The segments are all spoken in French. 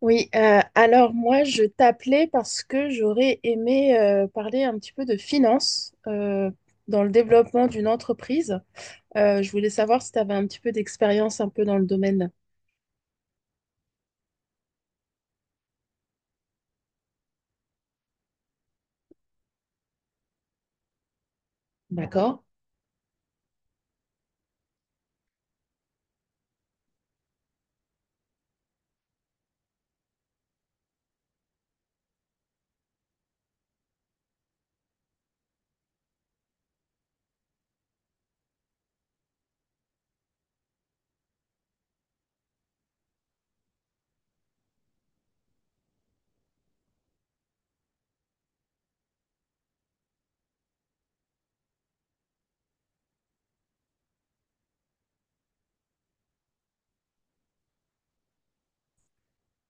Oui, alors moi je t'appelais parce que j'aurais aimé parler un petit peu de finance dans le développement d'une entreprise. Je voulais savoir si tu avais un petit peu d'expérience un peu dans le domaine.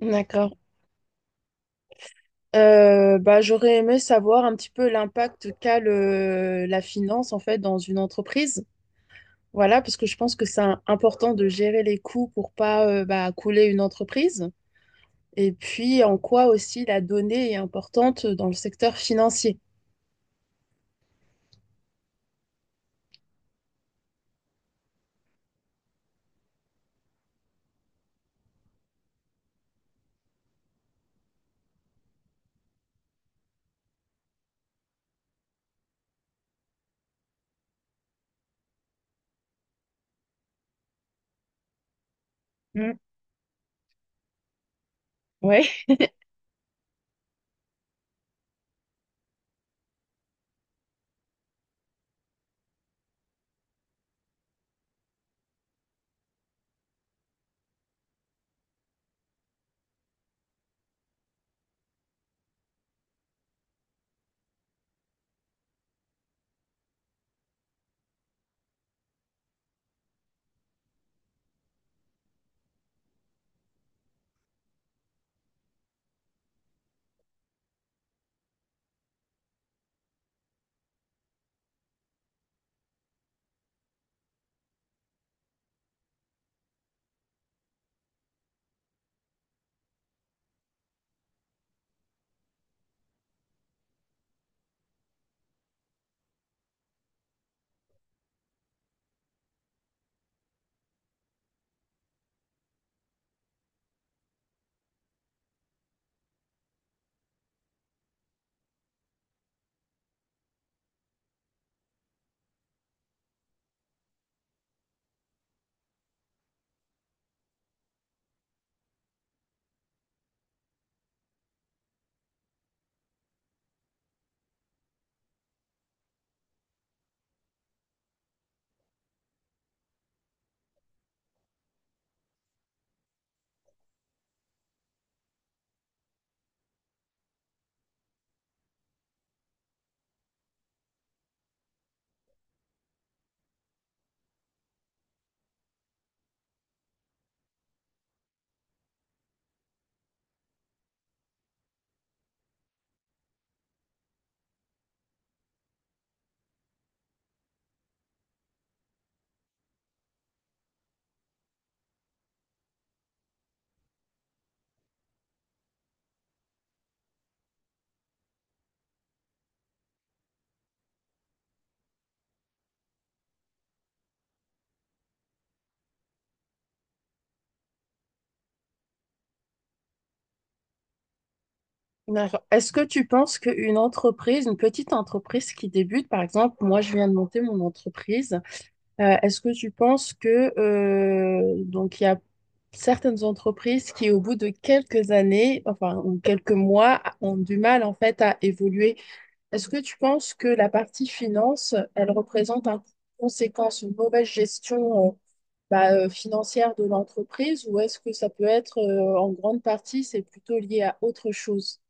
D'accord. Bah, j'aurais aimé savoir un petit peu l'impact qu'a la finance en fait dans une entreprise. Voilà, parce que je pense que c'est important de gérer les coûts pour pas bah, couler une entreprise. Et puis en quoi aussi la donnée est importante dans le secteur financier. Oui, d'accord. Est-ce que tu penses qu'une entreprise, une petite entreprise qui débute, par exemple, moi je viens de monter mon entreprise, est-ce que tu penses que donc il y a certaines entreprises qui, au bout de quelques années, enfin ou quelques mois, ont du mal en fait à évoluer. Est-ce que tu penses que la partie finance, elle représente un coût conséquence, une mauvaise gestion financière de l'entreprise, ou est-ce que ça peut être en grande partie, c'est plutôt lié à autre chose?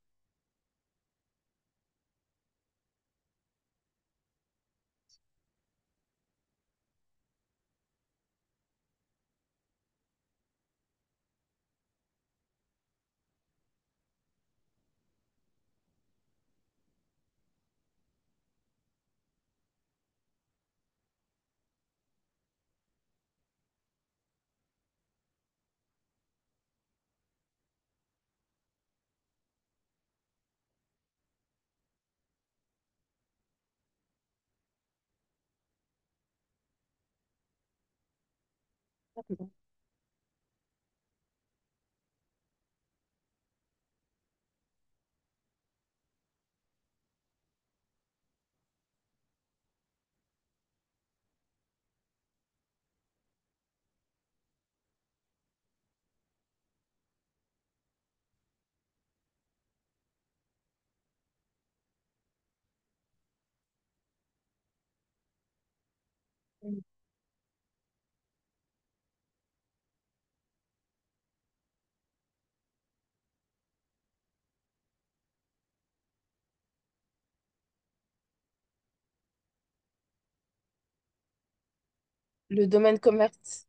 Le domaine commerce,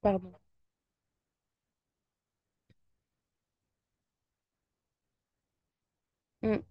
pardon. Mm.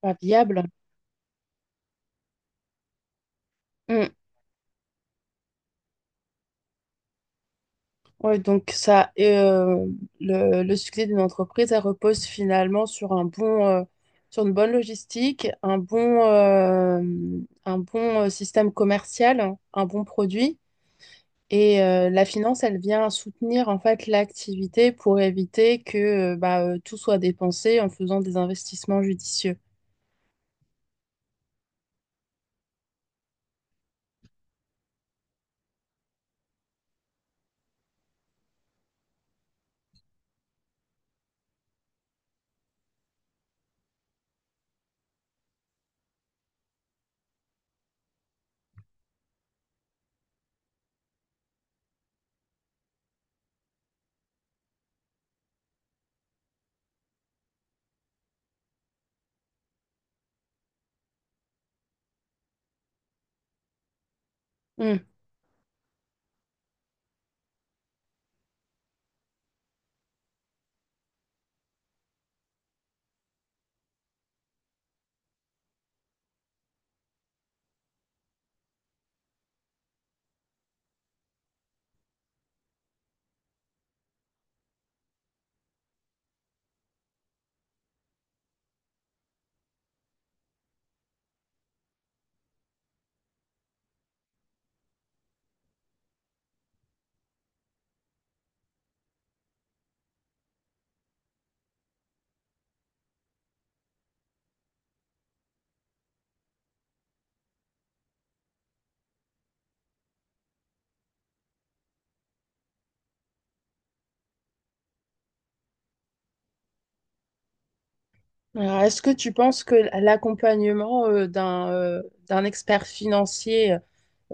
Pas viable. Mm. Ouais, donc ça, et, le succès d'une entreprise, elle repose finalement sur un sur une bonne logistique, un un bon système commercial, un bon produit. Et la finance, elle vient soutenir en fait l'activité pour éviter que tout soit dépensé en faisant des investissements judicieux. Alors, est-ce que tu penses que l'accompagnement d'un d'un expert financier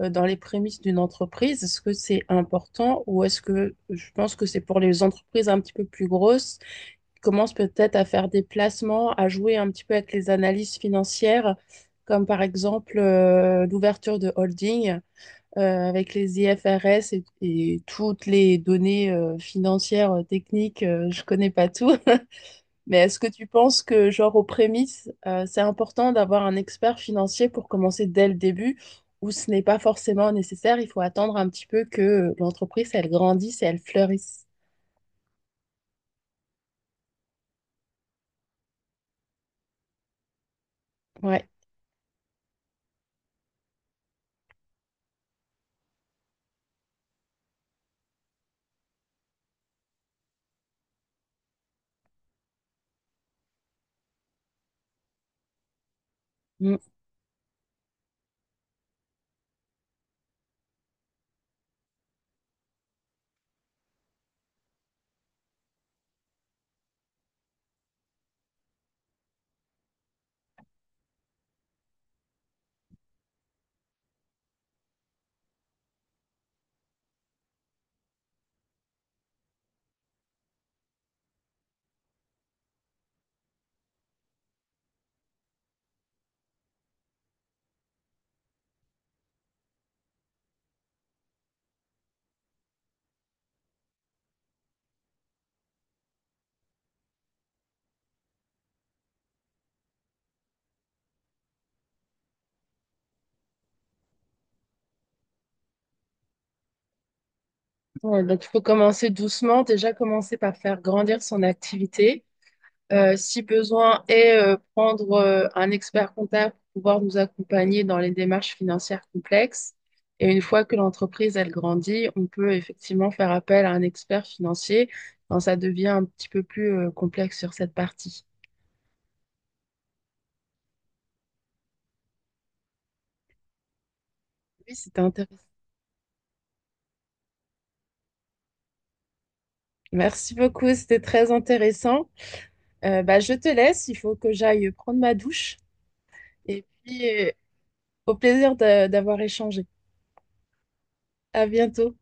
dans les prémices d'une entreprise, est-ce que c'est important ou est-ce que je pense que c'est pour les entreprises un petit peu plus grosses qui commencent peut-être à faire des placements, à jouer un petit peu avec les analyses financières, comme par exemple l'ouverture de holding avec les IFRS et toutes les données financières, techniques, je connais pas tout. Mais est-ce que tu penses que, genre, aux prémices, c'est important d'avoir un expert financier pour commencer dès le début, ou ce n'est pas forcément nécessaire, il faut attendre un petit peu que l'entreprise, elle grandisse et elle fleurisse. Ouais. Mm. Ouais, donc, il faut commencer doucement, déjà commencer par faire grandir son activité. Euh, si besoin, et prendre un expert comptable pour pouvoir nous accompagner dans les démarches financières complexes. Et une fois que l'entreprise, elle grandit, on peut effectivement faire appel à un expert financier quand ça devient un petit peu plus complexe sur cette partie. Oui, c'était intéressant. Merci beaucoup, c'était très intéressant. Bah, je te laisse, il faut que j'aille prendre ma douche. Et puis, au d'avoir échangé. À bientôt.